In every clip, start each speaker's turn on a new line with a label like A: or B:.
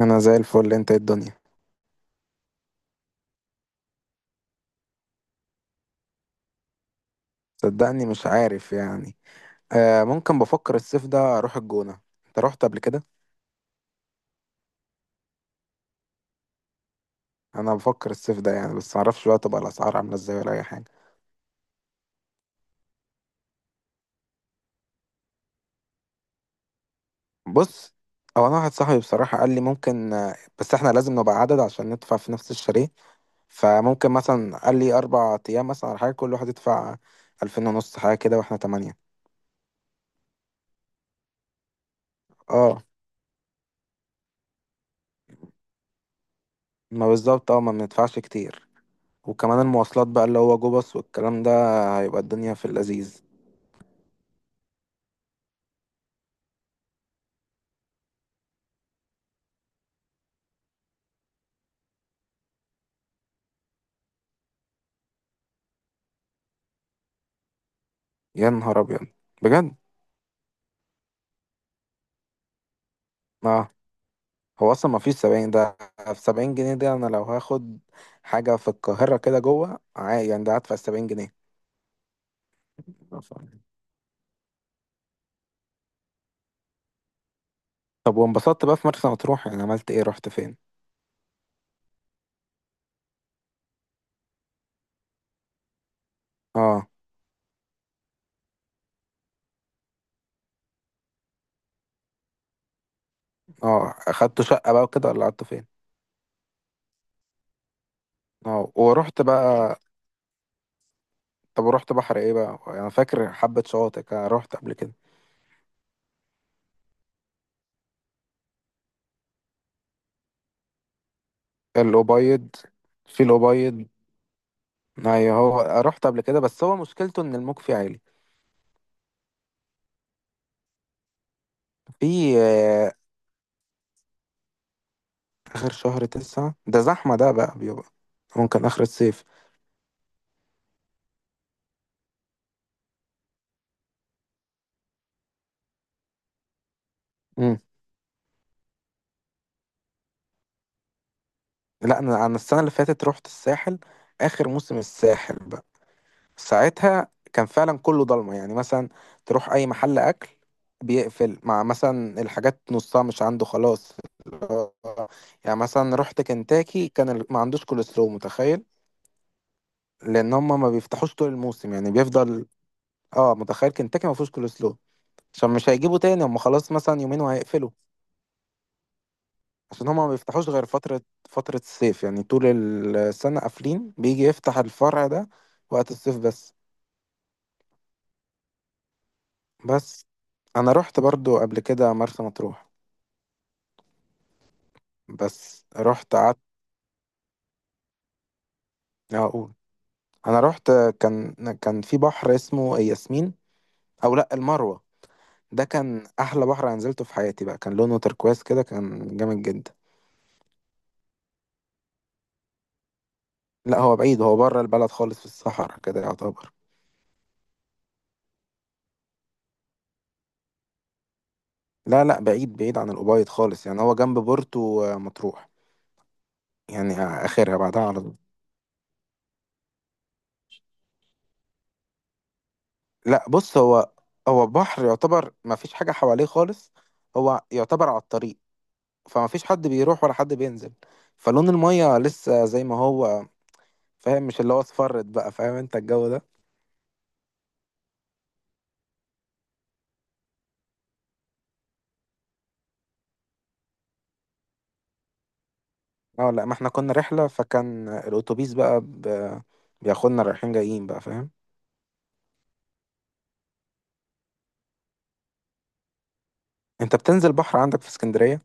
A: انا زي الفل. انت إيه الدنيا؟ صدقني مش عارف يعني. آه، ممكن بفكر الصيف ده اروح الجونة. انت رحت قبل كده؟ انا بفكر الصيف ده يعني، بس معرفش بقى، تبقى الاسعار عاملة ازاي ولا اي حاجة. بص، هو انا واحد صاحبي بصراحة قال لي ممكن، بس احنا لازم نبقى عدد عشان ندفع في نفس الشاليه. فممكن مثلا قال لي 4 ايام مثلا، على حاجة كل واحد يدفع 2500 حاجة كده، واحنا 8. اه، ما بالظبط. اه، ما بندفعش كتير. وكمان المواصلات بقى اللي هو جو باص والكلام ده، هيبقى الدنيا في اللذيذ. يا نهار ابيض! بجد؟ اه، هو اصلا ما فيش 70 ده. في 70 جنيه دي انا لو هاخد حاجه في القاهره كده جوه عادي، يعني ده هدفع 70 جنيه. طب وانبسطت بقى في مرسى مطروح؟ يعني عملت ايه؟ رحت فين؟ اه، اه، اخدت شقه بقى وكده ولا قعدت فين؟ اه، ورحت بقى. طب ورحت بحر ايه بقى؟ انا فاكر حبه شواطئ كده رحت قبل كده. الابيض. في الابيض. ايوه، هو رحت قبل كده، بس هو مشكلته ان الموج فيه عالي. في آخر شهر تسعة ده زحمة، ده بقى بيبقى. ممكن آخر الصيف. مم. لا، أنا السنة اللي فاتت رحت الساحل. آخر موسم الساحل بقى. ساعتها كان فعلا كله ضلمة، يعني مثلا تروح أي محل أكل بيقفل، مع مثلا الحاجات نصها مش عنده خلاص. يعني مثلا رحت كنتاكي، كان ما عندوش كول سلو، متخيل! لأن هم ما بيفتحوش طول الموسم، يعني بيفضل. اه، متخيل كنتاكي ما فيهوش كول سلو، عشان مش هيجيبوا تاني، هم خلاص مثلا يومين وهيقفلوا. عشان هما ما بيفتحوش غير فترة الصيف، يعني طول السنة قافلين، بيجي يفتح الفرع ده وقت الصيف بس. بس أنا رحت برضو قبل كده مرسى مطروح. بس رحت قعدت. أقول، أنا رحت. كان كان في بحر اسمه ياسمين، أو لأ، المروة. ده كان أحلى بحر أنا نزلته في حياتي بقى، كان لونه تركواز كده، كان جامد جدا. لأ، هو بعيد، هو بره البلد خالص، في الصحراء كده يعتبر. لا، لا، بعيد بعيد عن الأوبايد خالص، يعني هو جنب بورتو مطروح، يعني آخرها بعدها على طول. لا، بص. هو بحر يعتبر ما فيش حاجة حواليه خالص، هو يعتبر على الطريق، فما فيش حد بيروح ولا حد بينزل، فلون المية لسه زي ما هو، فاهم؟ مش اللي هو اصفرت بقى، فاهم انت الجو ده. اه لا، ما احنا كنا رحلة، فكان الاتوبيس بقى بياخدنا رايحين جايين بقى، فاهم؟ انت بتنزل بحر عندك في اسكندرية؟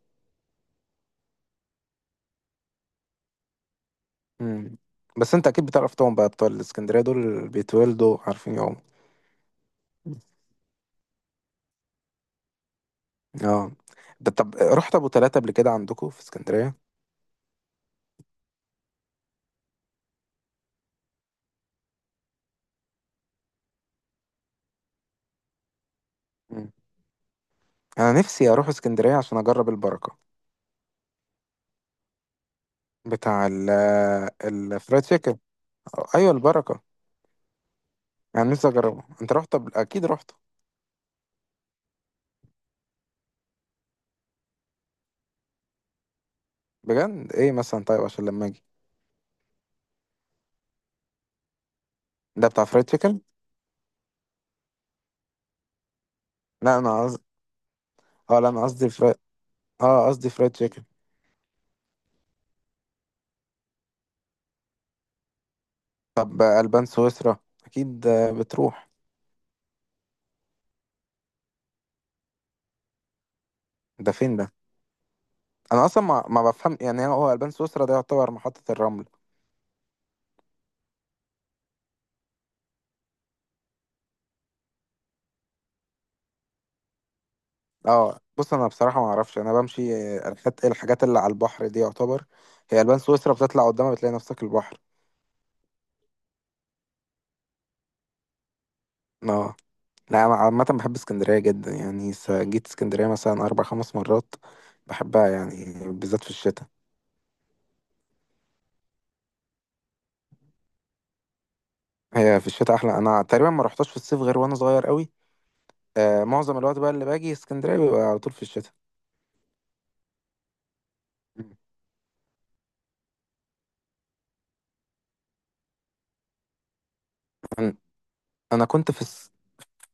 A: مم. بس انت اكيد بتعرف طبعا، بقى بتوع الاسكندرية دول بيتولدوا عارفين يعوموا. اه، ده طب رحت ابو تلاتة قبل كده عندكم في اسكندرية؟ انا نفسي اروح اسكندريه عشان اجرب البركه. بتاع الفرايد تشيكن. ايوه، البركه. يعني نفسي اجربه، انت رحت اكيد رحت. بجد؟ ايه مثلا طيب، عشان لما اجي؟ ده بتاع فرايد تشيكن؟ لا، انا قصدي. اه، لا، انا قصدي اه، قصدي فرايد تشيكن. طب البان سويسرا اكيد بتروح؟ ده فين ده؟ انا اصلا ما بفهم، يعني هو البان سويسرا ده يعتبر محطه الرمل؟ اه، بص، انا بصراحه ما اعرفش، انا بمشي الحاجات اللي على البحر دي يعتبر. هي البان سويسرا بتطلع قدامها بتلاقي نفسك البحر. اه، لا، أنا عامة بحب اسكندرية جدا، يعني جيت اسكندرية مثلا أربع خمس مرات. بحبها يعني بالذات في الشتاء. هي في الشتاء أحلى، أنا تقريبا ما رحتش في الصيف غير وأنا صغير قوي. معظم الوقت بقى اللي باجي اسكندرية بيبقى على طول في الشتاء. أنا أنا كنت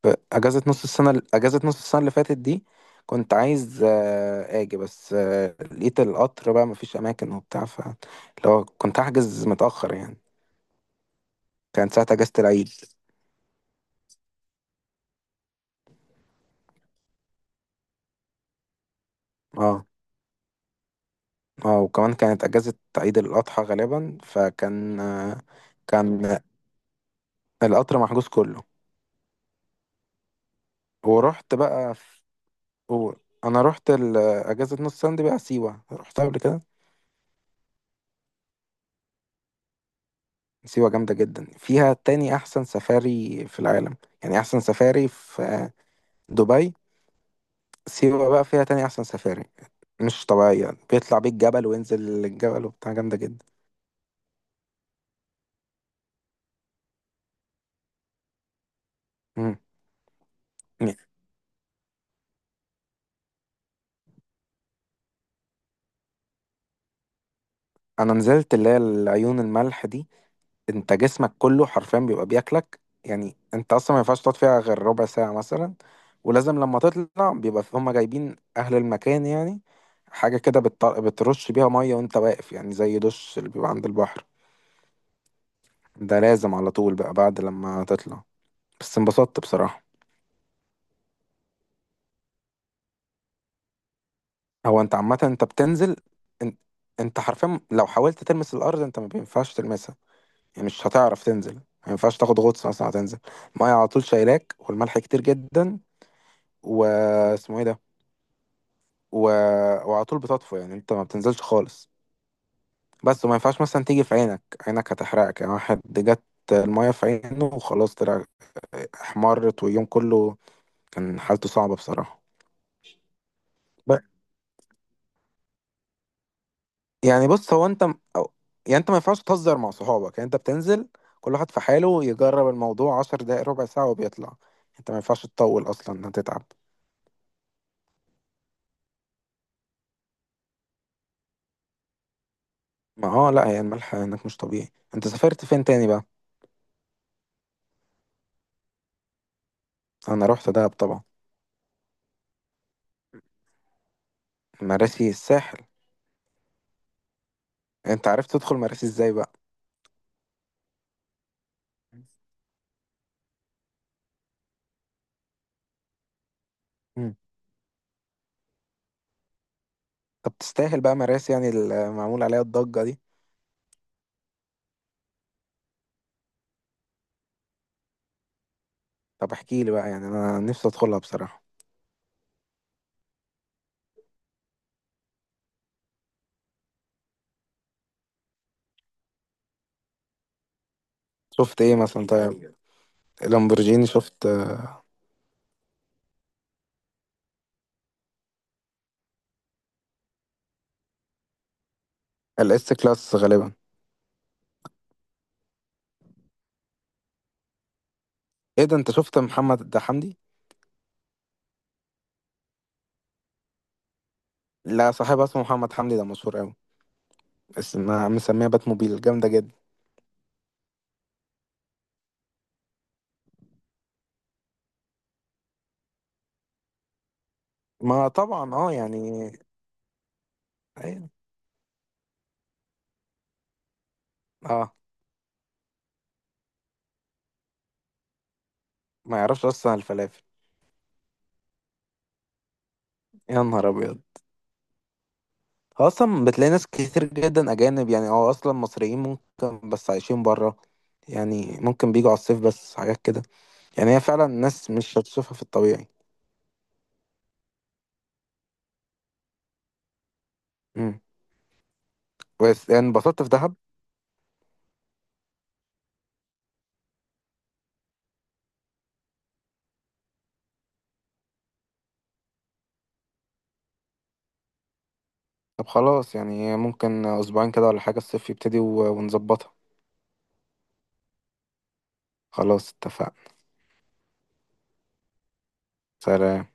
A: في أجازة نص السنة اللي فاتت دي. كنت عايز آجي، بس لقيت القطر بقى مفيش أماكن وبتاع، فاللي هو كنت هحجز متأخر يعني. كانت ساعة أجازة العيد. اه، اه، وكمان كانت اجازة عيد الاضحى غالبا، فكان آه، كان القطر محجوز كله. ورحت بقى و... انا رحت اجازة نص سنة دي بقى، سيوة رحتها قبل كده؟ سيوة جامدة جدا، فيها تاني احسن سفاري في العالم، يعني احسن سفاري في دبي. سيوة بقى فيها تاني احسن سفاري. مش طبيعية، بيطلع بيك جبل وينزل الجبل وبتاع، جامدة جدا. مم. يعني انا نزلت اللي هي العيون الملح دي، انت جسمك كله حرفيا بيبقى بياكلك. يعني انت اصلا ما ينفعش تقعد فيها غير ربع ساعة مثلا، ولازم لما تطلع بيبقى هما جايبين اهل المكان يعني حاجة كده، بترش بيها مية وانت واقف، يعني زي دش اللي بيبقى عند البحر، ده لازم على طول بقى بعد لما تطلع. بس انبسطت بصراحة. هو انت عامة انت بتنزل، انت, انت حرفيا لو حاولت تلمس الارض انت ما بينفعش تلمسها. يعني مش هتعرف تنزل، ما ينفعش تاخد غطس مثلا، هتنزل المية على طول شايلاك والملح كتير جدا. واسمه ايه ده. و... وعلى طول بتطفو، يعني انت ما بتنزلش خالص. بس، وما ينفعش مثلا تيجي في عينك، عينك هتحرقك، يعني واحد جت المية في عينه وخلاص طلع احمرت، واليوم كله كان حالته صعبة بصراحة. ب... يعني بص، هو انت يعني انت ما ينفعش تهزر مع صحابك، يعني انت بتنزل كل واحد في حاله يجرب الموضوع 10 دقايق ربع ساعة وبيطلع. انت ما ينفعش تطول اصلا هتتعب. ما، لا، هي الملح هناك مش طبيعي. انت سافرت فين تاني بقى؟ انا رحت دهب طبعا. مراسي الساحل. انت عرفت تدخل مراسي ازاي بقى؟ مم. طب تستاهل بقى مراس، يعني المعمول عليها الضجة دي؟ طب احكي لي بقى، يعني انا نفسي ادخلها بصراحة. شفت ايه مثلا طيب؟ لامبورجيني شفت؟ الاس كلاس غالبا. ايه ده؟ انت شفت محمد ده حمدي؟ لا، صاحبها اسمه محمد حمدي، ده مشهور قوي. اسمها مسميها بات موبيل، جامدة جدا. ما طبعا، اه، يعني. أيوة. اه، ما يعرفش اصلا الفلافل. يا نهار ابيض! هو اصلا بتلاقي ناس كتير جدا اجانب، يعني اصلا مصريين ممكن بس عايشين بره، يعني ممكن بيجوا على الصيف بس، حاجات كده. يعني هي فعلا الناس مش هتشوفها في الطبيعي. امم بس يعني انبسطت في دهب. طب خلاص، يعني ممكن اسبوعين كده ولا حاجة، الصيف يبتدي ونظبطها. خلاص، اتفقنا. سلام.